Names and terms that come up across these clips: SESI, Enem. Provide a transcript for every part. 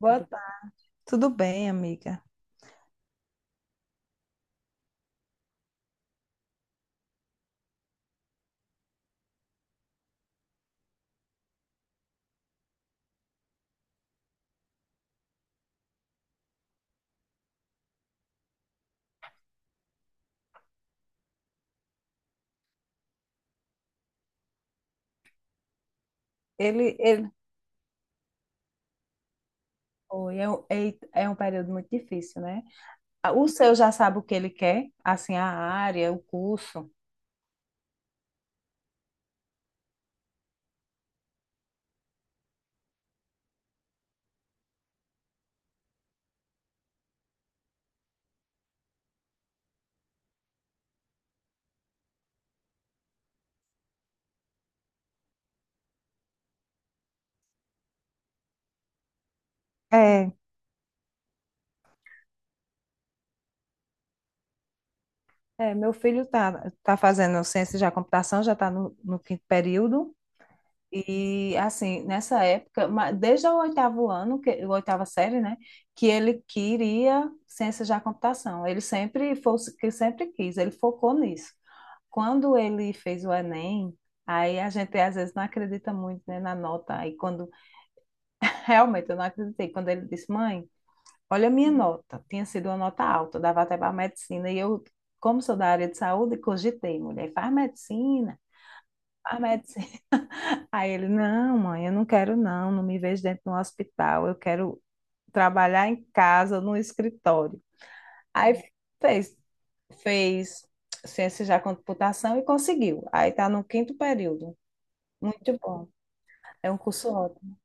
Boa tarde. Tudo bem, amiga? Ele, Oi, é, um- é, é um período muito difícil, né? Ah, o seu já sabe o que ele quer, assim, a área, o curso. É, meu filho tá fazendo ciência da computação, já está no quinto período. E assim, nessa época, desde o oitavo ano, que, o oitava série, né, que ele queria ciências da computação. Ele sempre fosse que sempre quis, ele focou nisso. Quando ele fez o Enem, aí a gente às vezes não acredita muito, né, na nota. Aí quando realmente eu não acreditei, quando ele disse: "Mãe, olha a minha nota". Tinha sido uma nota alta, dava até para medicina e eu, como sou da área de saúde, cogitei, mulher, faz medicina, faz medicina. Aí ele, não, mãe, eu não quero não, não me vejo dentro de um hospital, eu quero trabalhar em casa, no escritório. Aí fez, fez ciência já com computação e conseguiu. Aí está no quinto período. Muito bom. É um curso ótimo.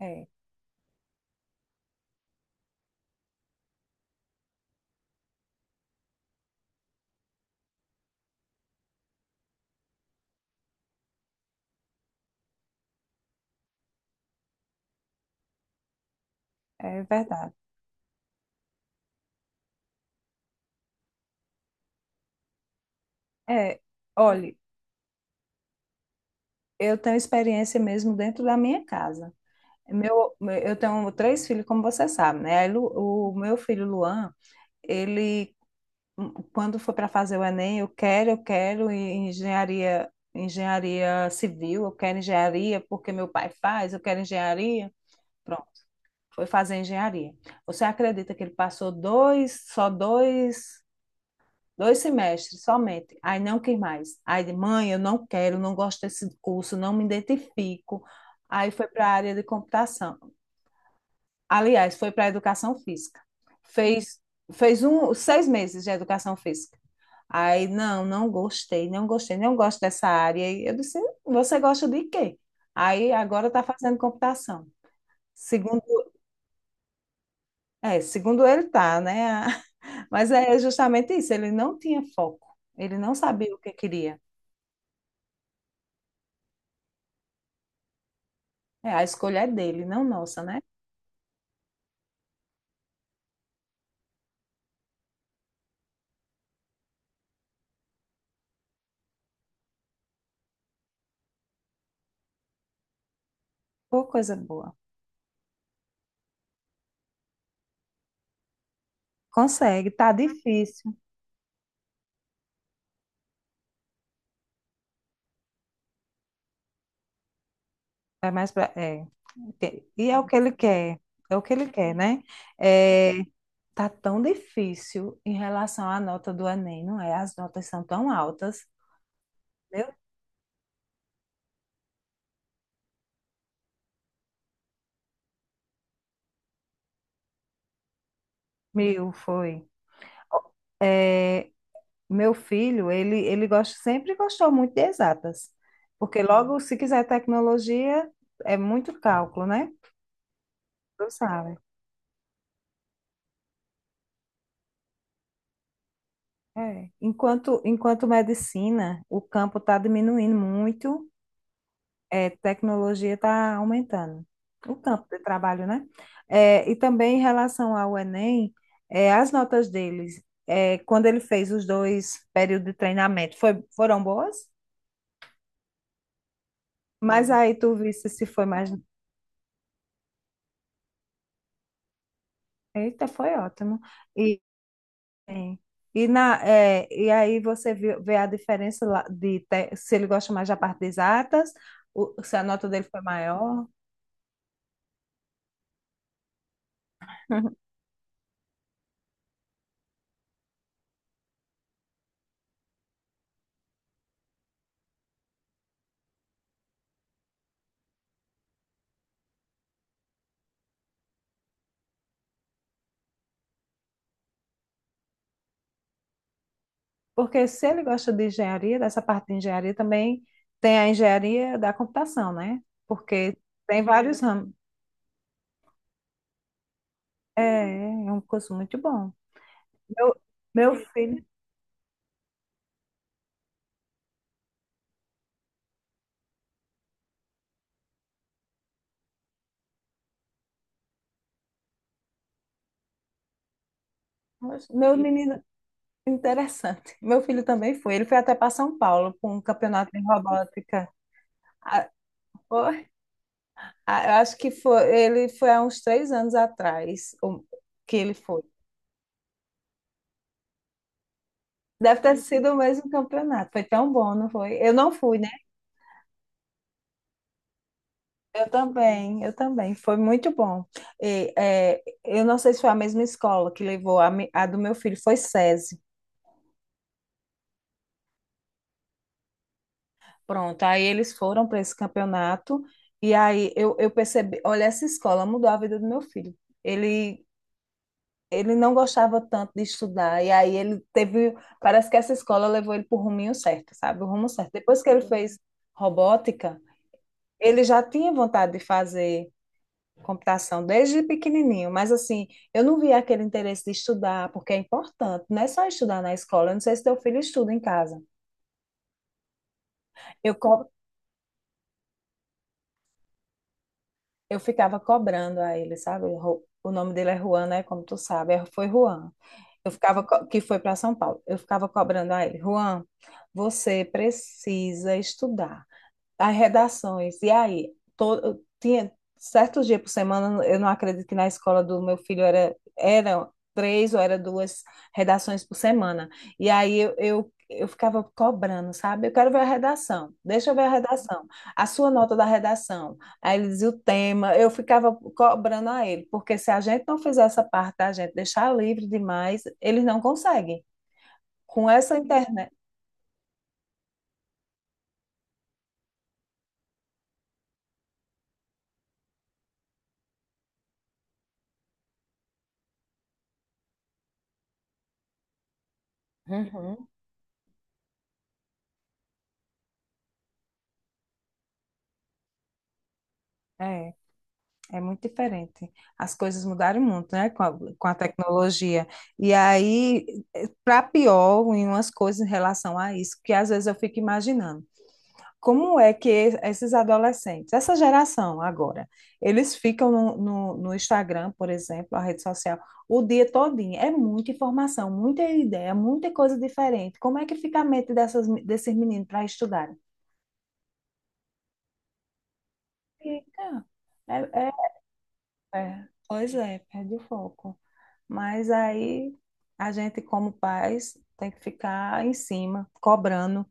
É, é verdade. É, olhe, eu tenho experiência mesmo dentro da minha casa. Meu, eu tenho três filhos, como você sabe, né? O meu filho Luan, ele quando for para fazer o Enem, eu quero, engenharia, engenharia civil, eu quero engenharia porque meu pai faz, eu quero engenharia. Pronto, foi fazer engenharia. Você acredita que ele passou dois, dois semestres somente? Aí não quis mais. Aí, ele, mãe, eu não quero, não gosto desse curso, não me identifico. Aí foi para a área de computação. Aliás, foi para a educação física. Fez, seis meses de educação física. Aí, não, não gostei, não gostei, não gosto dessa área. E eu disse, você gosta de quê? Aí, agora está fazendo computação. Segundo, segundo ele tá, né? Mas é justamente isso, ele não tinha foco, ele não sabia o que queria. É, a escolha é dele, não nossa, né? Pô, coisa boa. Consegue, tá difícil. É mais pra, é. E é o que ele quer, é o que ele quer, né? É, tá tão difícil em relação à nota do Enem, não é? As notas são tão altas. Meu, meu foi. É, meu filho, ele gosta, sempre gostou muito de exatas, porque logo, se quiser tecnologia, é muito cálculo, né? Tu sabe. É. Enquanto medicina, o campo está diminuindo muito, é, tecnologia está aumentando. O campo de trabalho, né? É, e também em relação ao Enem, é, as notas deles, é, quando ele fez os dois períodos de treinamento, foram boas? Mas aí tu visse se foi mais. Eita, foi ótimo. E, e aí vê a diferença lá se ele gosta mais da parte de exatas, se a nota dele foi maior. Porque se ele gosta de engenharia, dessa parte de engenharia também tem a engenharia da computação, né? Porque tem vários ramos. É, é um curso muito bom. Meu, meu filho, meu menino, interessante. Meu filho também foi. Ele foi até para São Paulo para um campeonato de robótica. Ah, foi? Ah, eu acho que foi, ele foi há uns três anos atrás o- que ele foi. Deve ter sido o mesmo campeonato. Foi tão bom, não foi? Eu não fui, né? Eu também. Foi muito bom. Eu não sei se foi a mesma escola que levou a do meu filho, foi SESI. Pronto, aí eles foram para esse campeonato e aí eu percebi, olha, essa escola mudou a vida do meu filho. Ele ele não gostava tanto de estudar, e aí ele teve, parece que essa escola levou ele para o ruminho certo, sabe? O rumo certo. Depois que ele fez robótica, ele já tinha vontade de fazer computação desde pequenininho, mas assim, eu não via aquele interesse de estudar, porque é importante, não é só estudar na escola, eu não sei se teu filho estuda em casa. Eu, co- eu ficava cobrando a ele, sabe? O nome dele é Juan, né? Como tu sabe, foi Juan. Que foi para São Paulo. Eu ficava cobrando a ele, Juan, você precisa estudar as redações. E aí, tinha certos dias por semana, eu não acredito que na escola do meu filho era, eram três ou era duas redações por semana. E aí eu ficava cobrando, sabe? Eu quero ver a redação, deixa eu ver a redação, a sua nota da redação. Aí ele dizia o tema, eu ficava cobrando a ele, porque se a gente não fizer essa parte da gente deixar livre demais, eles não conseguem. Com essa internet. Uhum, é. É muito diferente. As coisas mudaram muito, né, com com a tecnologia. E aí, para pior, em umas coisas em relação a isso, que às vezes eu fico imaginando. Como é que esses adolescentes, essa geração agora, eles ficam no Instagram, por exemplo, a rede social, o dia todinho? É muita informação, muita ideia, muita coisa diferente. Como é que fica a mente desses meninos para estudarem? Fica. É, é. Pois é, perde o foco. Mas aí a gente, como pais, tem que ficar em cima, cobrando.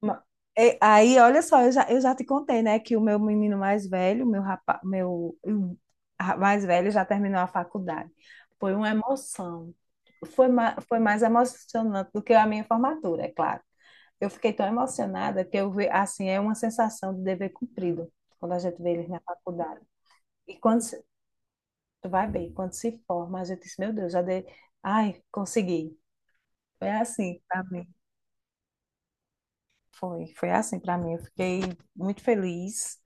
Ma- Aí, olha só, eu já te contei, né, que o meu menino mais velho, meu rapaz, meu ra- mais velho já terminou a faculdade. Foi uma emoção. Foi mais emocionante do que a minha formatura, é claro. Eu fiquei tão emocionada que eu vi, assim, é uma sensação de dever cumprido quando a gente vê eles na faculdade. E quando Tu vai bem quando se forma, a gente diz, meu Deus, já dei. Ai, consegui. Foi assim para mim. Foi assim para mim. Eu fiquei muito feliz,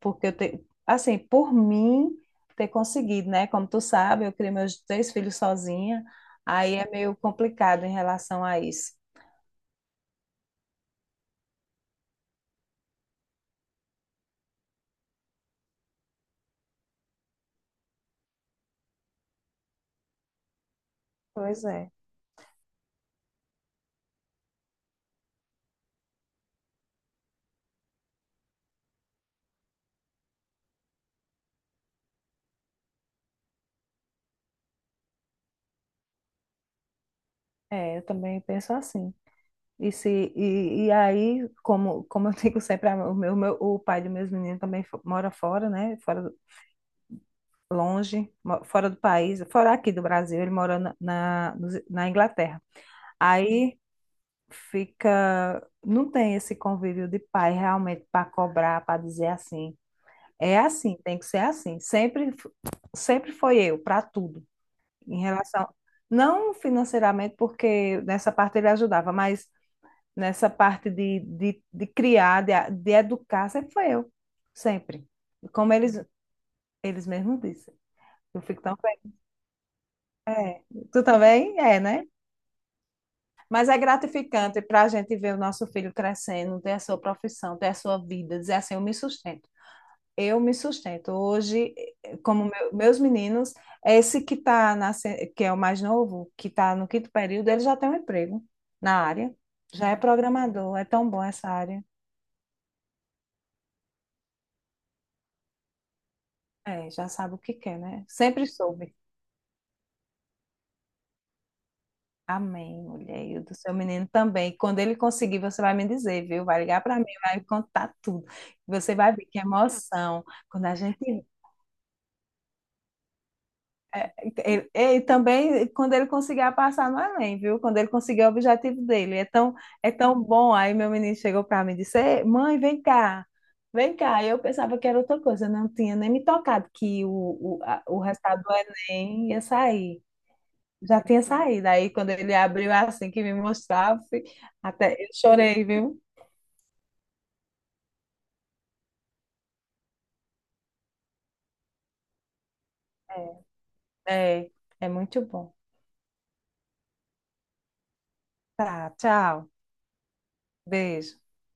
porque eu te... assim, por mim ter conseguido, né? Como tu sabe, eu criei meus três filhos sozinha, aí é meio complicado em relação a isso. Pois é. É, eu também penso assim. E, se, e aí, como, como eu digo sempre, o pai dos meus meninos também mora fora, né? Fora, longe, fora do país, fora aqui do Brasil, ele mora na Inglaterra. Aí fica, não tem esse convívio de pai realmente para cobrar, para dizer assim, é assim, tem que ser assim. Sempre foi eu para tudo, em relação, não financeiramente, porque nessa parte ele ajudava, mas nessa parte de criar, de educar, sempre foi eu, sempre. Como eles, eles mesmos dizem. Eu fico tão É, tu também é, né? Mas é gratificante para a gente ver o nosso filho crescendo, ter a sua profissão, ter a sua vida, dizer assim, eu me sustento. Eu me sustento. Hoje, meus meninos, esse que tá nasce- que é o mais novo, que está no quinto período, ele já tem um emprego na área, já é programador, é tão bom essa área. É, já sabe o que quer, né? Sempre soube. Amém, mulher. E o do seu menino também. Quando ele conseguir, você vai me dizer, viu? Vai ligar para mim, vai me contar tudo. Você vai ver que emoção. Quando a gente. é, ele- E também quando ele conseguir passar no Enem, viu? Quando ele conseguir o objetivo dele. É tão bom. Aí meu menino chegou para mim e disse: "Ei, Mãe, vem cá, vem cá. Eu pensava que era outra coisa. Eu não tinha nem me tocado que o resultado do Enem ia sair. Já tinha saído. Aí quando ele abriu assim que me mostrava, até eu chorei, viu? É, é é muito bom. Tá, tchau. Beijo.